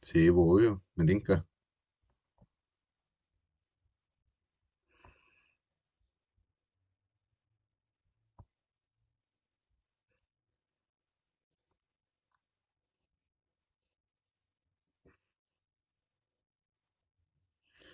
Sí, pues, obvio, me tinca.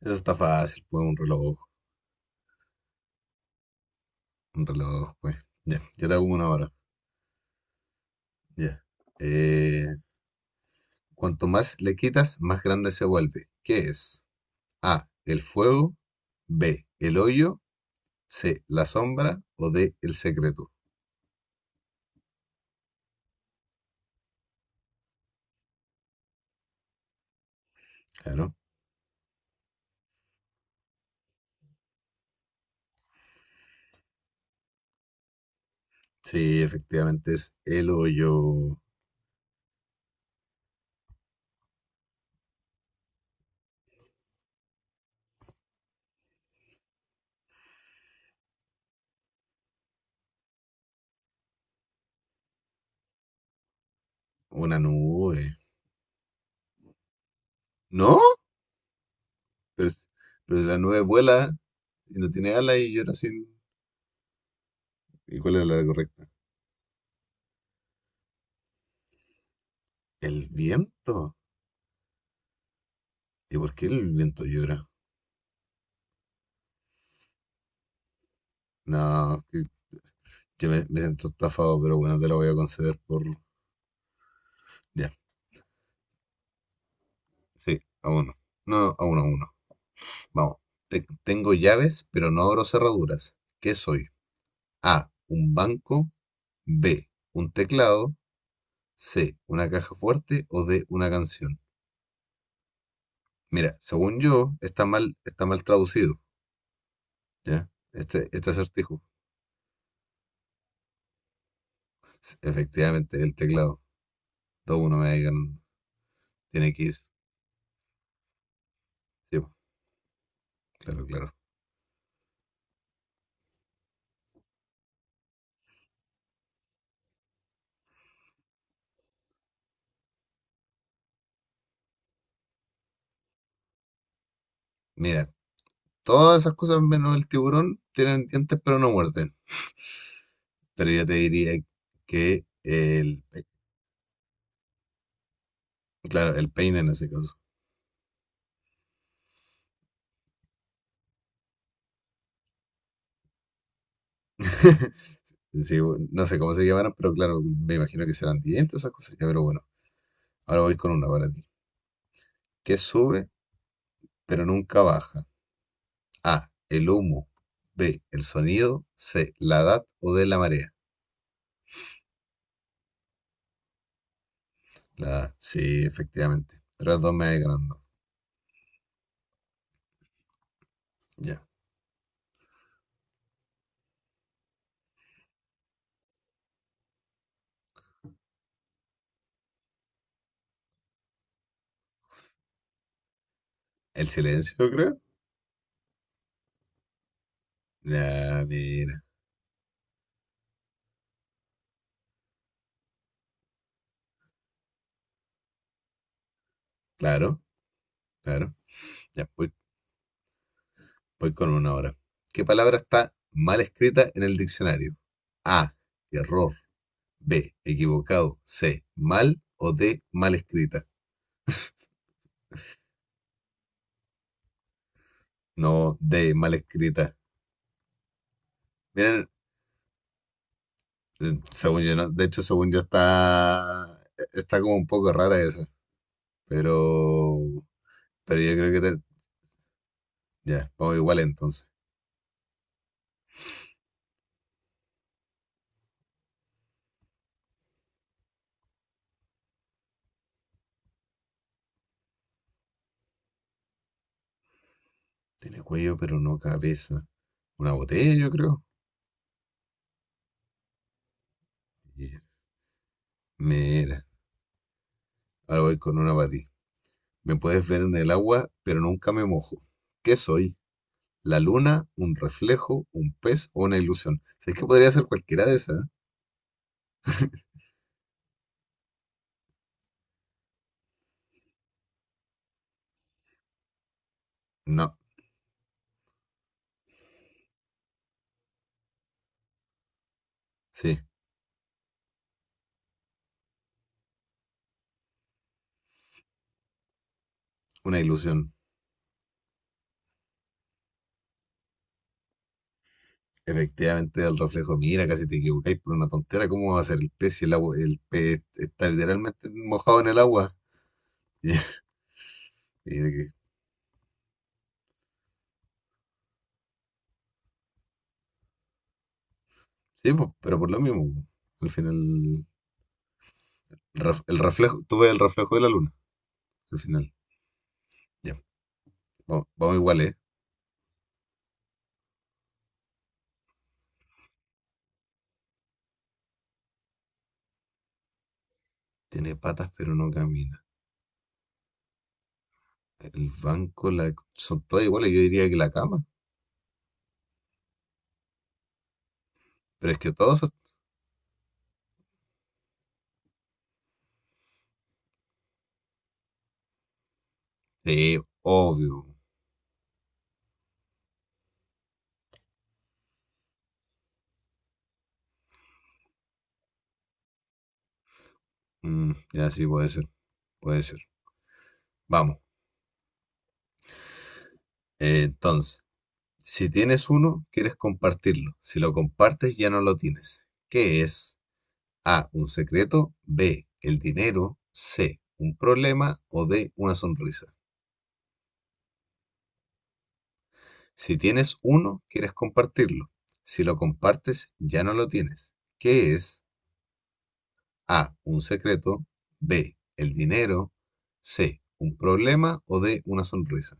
Eso está fácil, pues, un reloj. Un reloj, pues. Ya, yo te hago una hora. Ya. Eh, Cuanto más le quitas, más grande se vuelve. ¿Qué es? A, el fuego. B, el hoyo. C, la sombra. O D, el secreto. Claro. Sí, efectivamente es el hoyo. Una nube. ¿No? Pero, pero si la nube vuela y no tiene alas y llora sin... ¿Y cuál es la correcta? El viento. ¿Y por qué el viento llora? No, que me siento estafado, pero bueno, te la voy a conceder por... Ya, sí, a uno. No, a uno, a uno. Vamos. Tengo llaves, pero no abro cerraduras. ¿Qué soy? A, un banco. B, un teclado. C, una caja fuerte. O D, una canción. Mira, según yo, está mal, traducido, ¿ya? Este acertijo. Efectivamente, el teclado. Todo uno me va a ir ganando. Tiene que ir. Sí, po, claro, claro. Mira, todas esas cosas menos el tiburón tienen dientes pero no muerden. Pero yo te diría que claro, el peine en ese caso. Sí, no sé cómo se llamarán, pero claro, me imagino que serán dientes esas cosas. Ya, pero bueno, ahora voy con una para ti. ¿Qué sube pero nunca baja? A, el humo. B, el sonido. C, la edad o de la marea. La A, sí, efectivamente. Tras dos me voy ganando. Ya. El silencio, creo. Ya, mira. Claro, claro. Ya, voy con una hora. ¿Qué palabra está mal escrita en el diccionario? A. Error. B. Equivocado. C. Mal. O D. Mal escrita. No, D. Mal escrita. Miren, según yo, ¿no? De hecho, según yo está como un poco rara esa. Pero, pero yo creo que ya, vamos igual entonces. Tiene cuello, pero no cabeza. Una botella, yo creo. Y- Mira, ahora voy con una para ti. Me puedes ver en el agua, pero nunca me mojo. ¿Qué soy? ¿La luna? ¿Un reflejo? ¿Un pez o una ilusión? ¿Sabes que podría ser cualquiera de esas, eh? No, sí, una ilusión. Efectivamente, el reflejo. Mira, casi te equivocáis por una tontera. ¿Cómo va a ser el pez si el agua, el pez está literalmente mojado en el agua? Mira que- Sí, pues, pero por lo mismo, po. Al final, el reflejo, tú ves el reflejo de la luna. Al final, ya. Vamos, vamos igual, ¿eh? Tiene patas, pero no camina. El banco, la, son todas iguales, yo diría que la cama. Pero es que todos... Sí, obvio. Ya sí, puede ser, puede ser. Vamos. Entonces, si tienes uno, quieres compartirlo. Si lo compartes, ya no lo tienes. ¿Qué es? A, un secreto. B, el dinero. C, un problema. O D, una sonrisa. Si tienes uno, quieres compartirlo. Si lo compartes, ya no lo tienes. ¿Qué es? A. Un secreto. B. El dinero. C. Un problema. O D. Una sonrisa.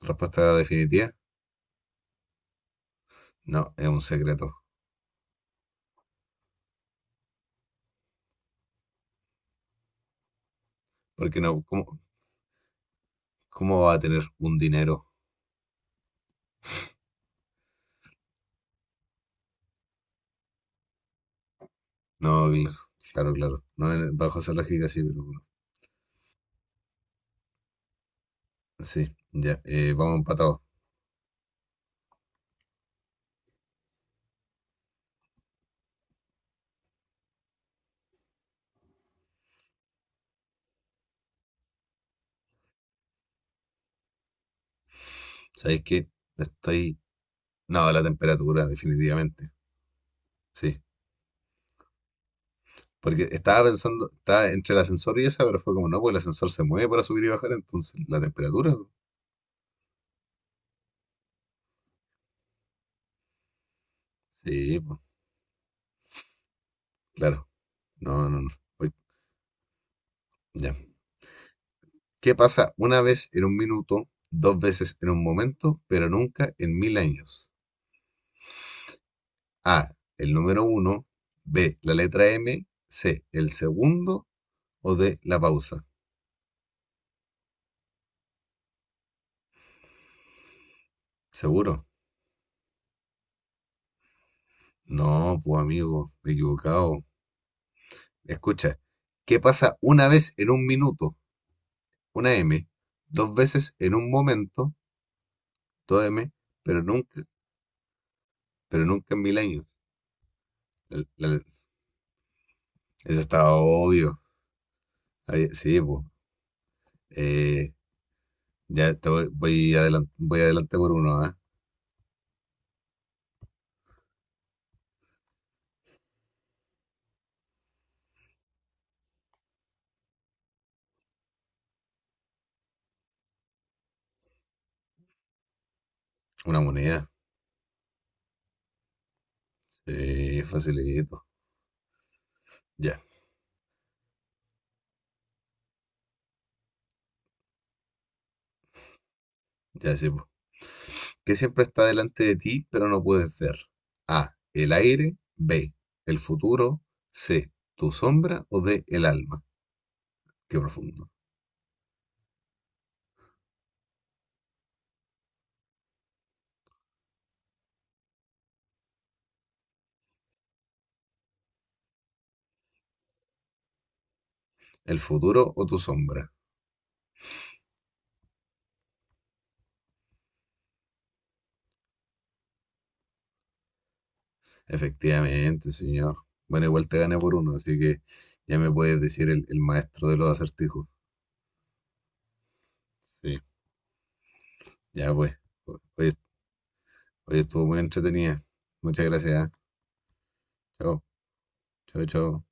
Respuesta definitiva. No, es un secreto. Porque no, ¿cómo va a tener un dinero? No, claro, claro. No, bajo esa lógica sí, pero bueno. Sí, ya. Vamos empatados. ¿Sabéis qué? Estoy. No, la temperatura, definitivamente. Sí. Porque estaba pensando, estaba entre el ascensor y esa, pero fue como, no, pues el ascensor se mueve para subir y bajar, entonces la temperatura. Sí, pues. Claro. No, no, no. Oye, ya. ¿Qué pasa una vez en un minuto, dos veces en un momento, pero nunca en mil años? A, el número uno, B, la letra M, C, el segundo o D, la pausa. ¿Seguro? No, pues amigo, equivocado. Escucha, ¿qué pasa una vez en un minuto? Una M, dos veces en un momento, dos M, pero nunca, pero nunca en mil años. La- la- Eso estaba obvio. Sí, pues. Eh, ya te voy adelante, voy adelante por uno, ¿ah? Una moneda. Sí, facilito. Ya, ya sé, po. ¿Qué siempre está delante de ti, pero no puedes ver? A. El aire. B. El futuro. C. Tu sombra o D. El alma. Qué profundo. El futuro o tu sombra. Efectivamente, señor. Bueno, igual te gané por uno, así que ya me puedes decir el maestro de los acertijos. Sí, ya pues. Oye, oye, estuvo muy entretenida. Muchas gracias, ¿ah? Chao. Chao, chao.